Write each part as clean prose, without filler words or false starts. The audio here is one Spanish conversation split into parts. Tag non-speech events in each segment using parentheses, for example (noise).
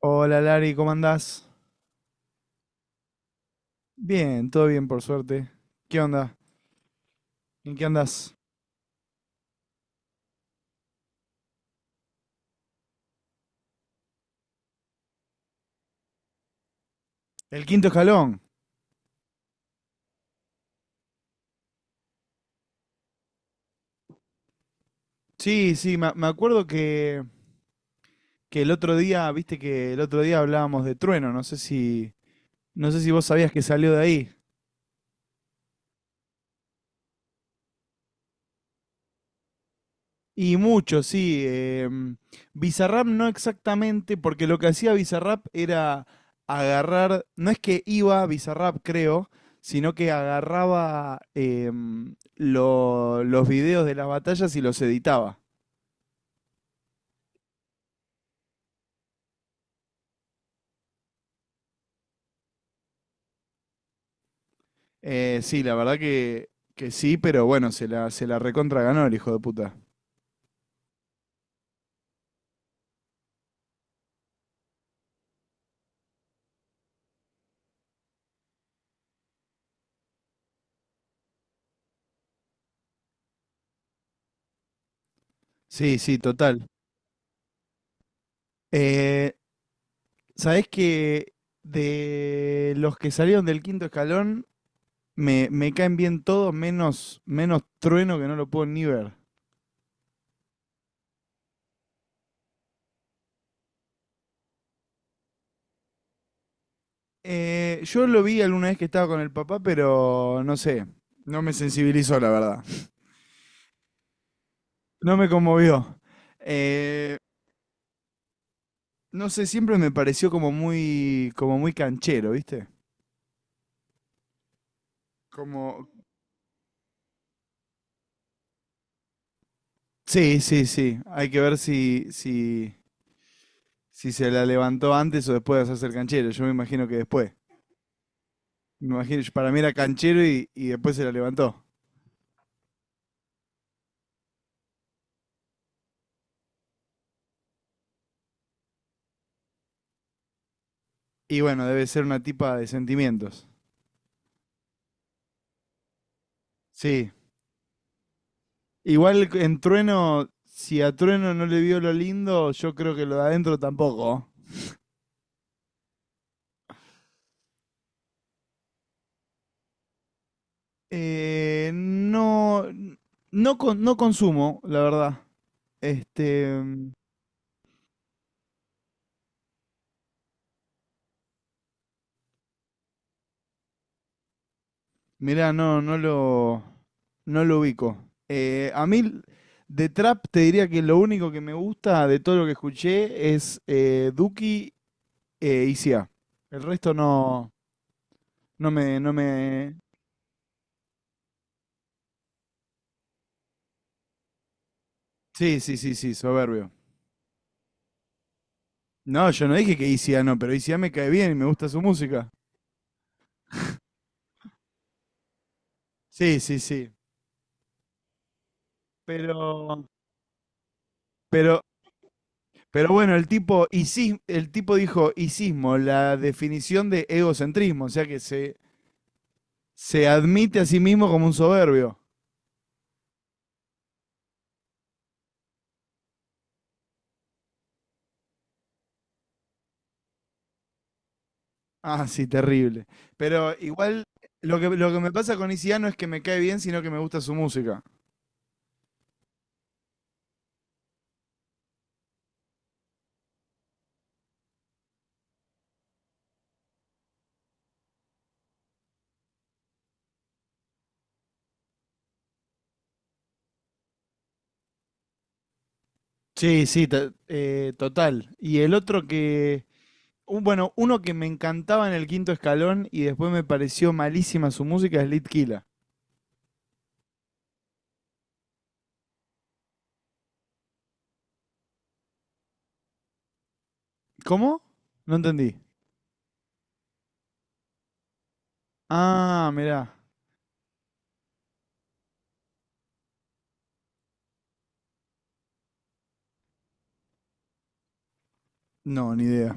Hola Lari, ¿cómo andás? Bien, todo bien por suerte. ¿Qué onda? ¿En qué andás? El quinto escalón. Sí, sí, me acuerdo que el otro día, viste que el otro día hablábamos de Trueno, no sé si vos sabías que salió de ahí. Y mucho, sí. Bizarrap no exactamente, porque lo que hacía Bizarrap era agarrar, no es que iba a Bizarrap, creo, sino que agarraba los videos de las batallas y los editaba. Sí, la verdad que sí, pero bueno, se la recontra ganó el hijo de puta. Sí, sí, total. Eh, ¿Sabés que de los que salieron del quinto escalón, me caen bien todos, menos Trueno que no lo puedo ni ver? Yo lo vi alguna vez que estaba con el papá, pero no sé, no me sensibilizó, la verdad. No me conmovió. Eh, no sé, siempre me pareció como muy canchero, ¿viste? Como, Sí, sí, sí. Hay que ver si se la levantó antes o después de hacerse el canchero. Yo me imagino que después. Me imagino, para mí era canchero y después se la levantó. Y bueno, debe ser una tipa de sentimientos. Sí. Igual en Trueno, si a Trueno no le vio lo lindo, yo creo que lo de adentro tampoco. No, no, no consumo, la verdad. Este, Mirá, no, no lo ubico. A mí, de trap, te diría que lo único que me gusta de todo lo que escuché es Duki y ICA. El resto no, no me... Sí, sí, sí, sí, soberbio. No, yo no dije que Isia no, pero Isia me cae bien y me gusta su música. Sí, sí, sí. Pero, pero, pero bueno, el tipo dijo isismo, la definición de egocentrismo, o sea que se admite a sí mismo como un soberbio. Ah, sí, terrible. Pero igual lo que me pasa con Isiano es que me cae bien, sino que me gusta su música. Sí, sí, total. Y el otro que, bueno, uno que me encantaba en el quinto escalón y después me pareció malísima su música es Litkila. ¿Cómo? No entendí. Ah, mirá. No, ni idea.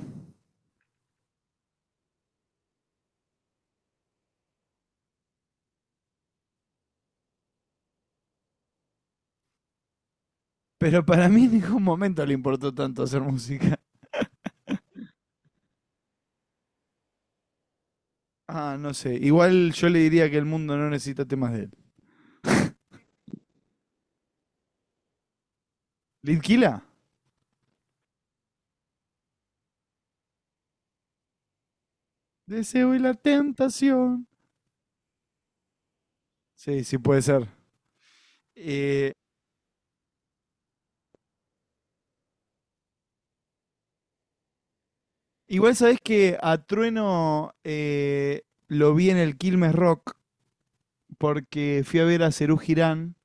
Pero para mí en ningún momento le importó tanto hacer música. Ah, no sé. Igual yo le diría que el mundo no necesita temas de él. ¿Litkila? Deseo y la tentación. Sí, sí puede ser. Eh, Igual sabés que a Trueno lo vi en el Quilmes Rock porque fui a ver a Serú Girán.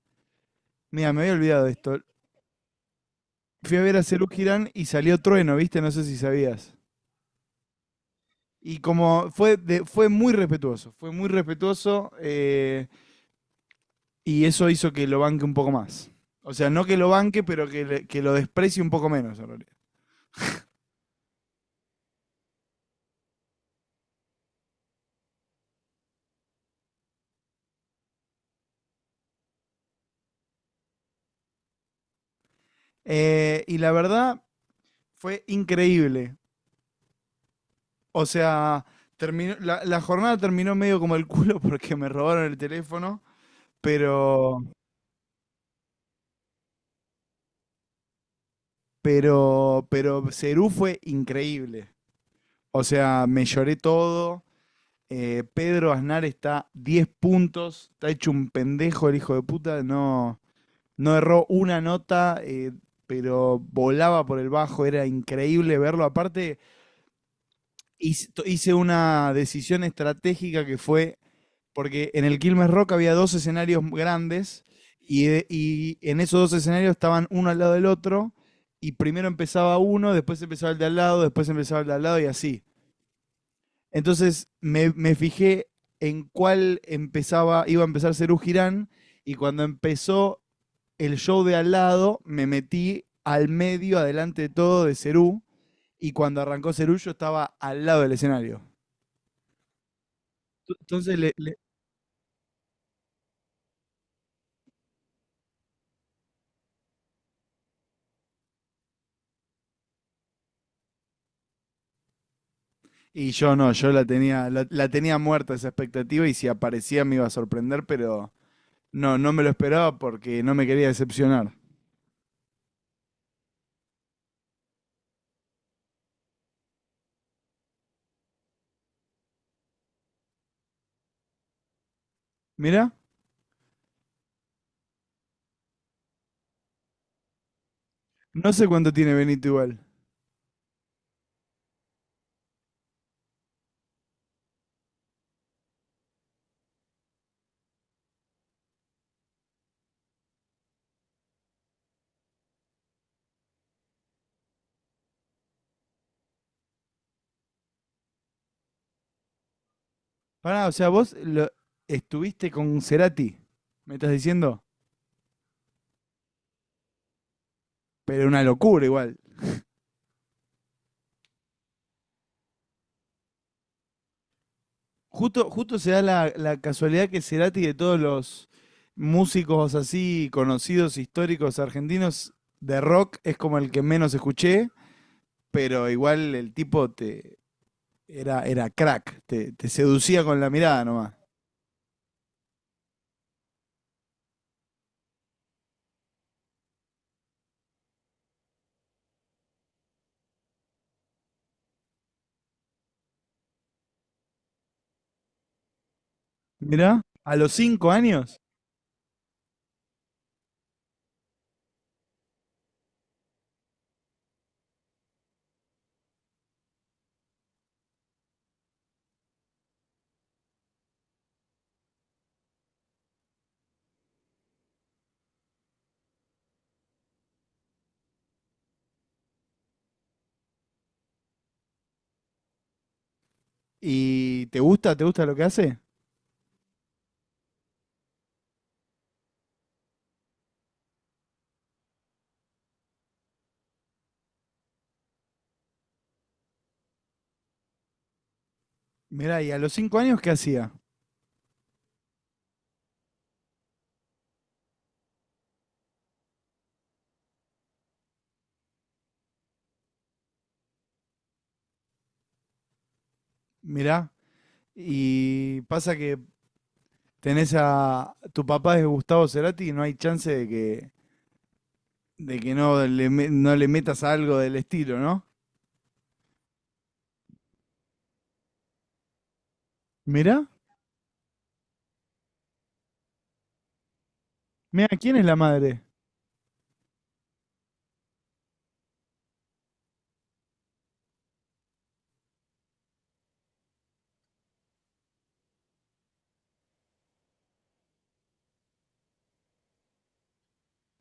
Mira, me había olvidado de esto. Fui a ver a Serú Girán y salió Trueno, ¿viste? No sé si sabías. Y como fue, fue muy respetuoso y eso hizo que lo banque un poco más. O sea, no que lo banque, pero que lo desprecie un poco menos en realidad. Y la verdad fue increíble. O sea, terminó, la jornada terminó medio como el culo porque me robaron el teléfono, pero, pero Serú fue increíble. O sea, me lloré todo. Pedro Aznar está 10 puntos, está hecho un pendejo el hijo de puta, no erró una nota, pero volaba por el bajo, era increíble verlo. Aparte, hice una decisión estratégica que fue porque en el Quilmes Rock había dos escenarios grandes y en esos dos escenarios estaban uno al lado del otro y primero empezaba uno, después empezaba el de al lado, después empezaba el de al lado y así. Entonces me fijé en cuál empezaba, iba a empezar Serú Girán y cuando empezó el show de al lado me metí al medio, adelante de todo, de Serú y cuando arrancó Serú yo estaba al lado del escenario. Entonces le, le Y yo no, yo la tenía, la tenía muerta esa expectativa y si aparecía me iba a sorprender, pero no me lo esperaba porque no me quería decepcionar. Mirá, no sé cuánto tiene Benito igual. Pará, o sea, estuviste con Cerati, me estás diciendo, pero una locura igual. Justo, justo se da la casualidad que Cerati de todos los músicos así conocidos, históricos, argentinos de rock, es como el que menos escuché, pero igual el tipo te. Era crack, te seducía con la mirada nomás. Mirá, a los 5 años, ¿y te gusta lo que hace? Mirá, ¿y a los 5 años qué hacía? Mirá, y pasa que tenés a tu papá es Gustavo Cerati y no hay chance de que no le metas algo del estilo, ¿no? Mirá, mirá, ¿quién es la madre?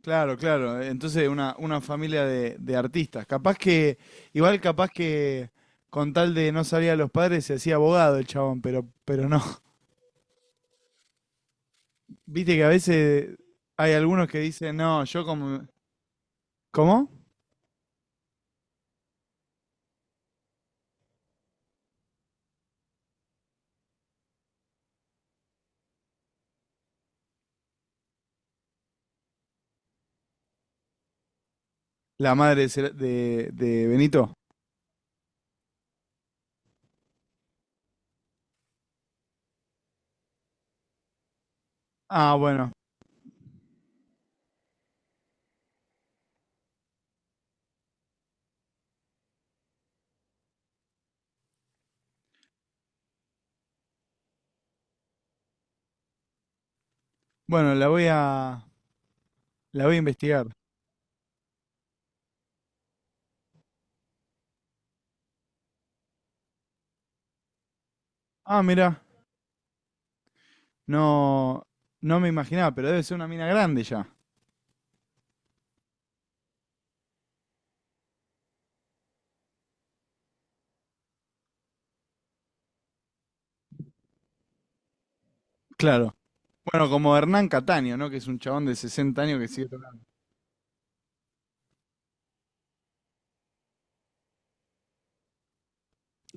Claro, claro. Entonces una familia de artistas. Igual capaz que con tal de no salir a los padres se hacía abogado el chabón, pero no. (laughs) Viste que a veces hay algunos que dicen, no, yo como... ¿Cómo? La madre de Benito. Ah, bueno. Bueno, la voy a investigar. Ah, mira, no, no me imaginaba, pero debe ser una mina grande ya. Claro. Bueno, como Hernán Cataño, ¿no? Que es un chabón de 60 años que sigue tocando.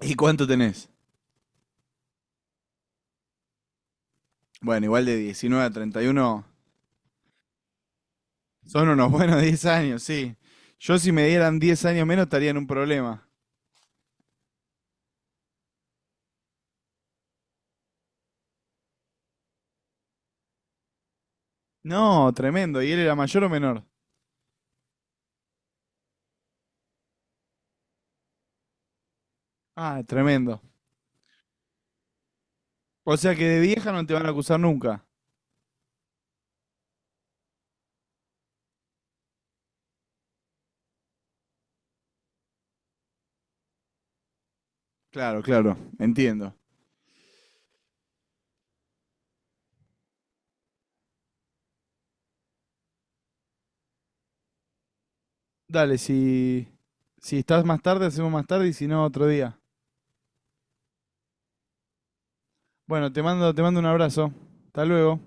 ¿Y cuánto tenés? Bueno, igual de 19 a 31 son unos (laughs) buenos 10 años, sí. Yo si me dieran 10 años menos estaría en un problema. No, tremendo. ¿Y él era mayor o menor? Ah, tremendo. O sea que de vieja no te van a acusar nunca. Claro, claro, entiendo. Dale, si estás más tarde, hacemos más tarde y si no, otro día. Bueno, te mando un abrazo. Hasta luego.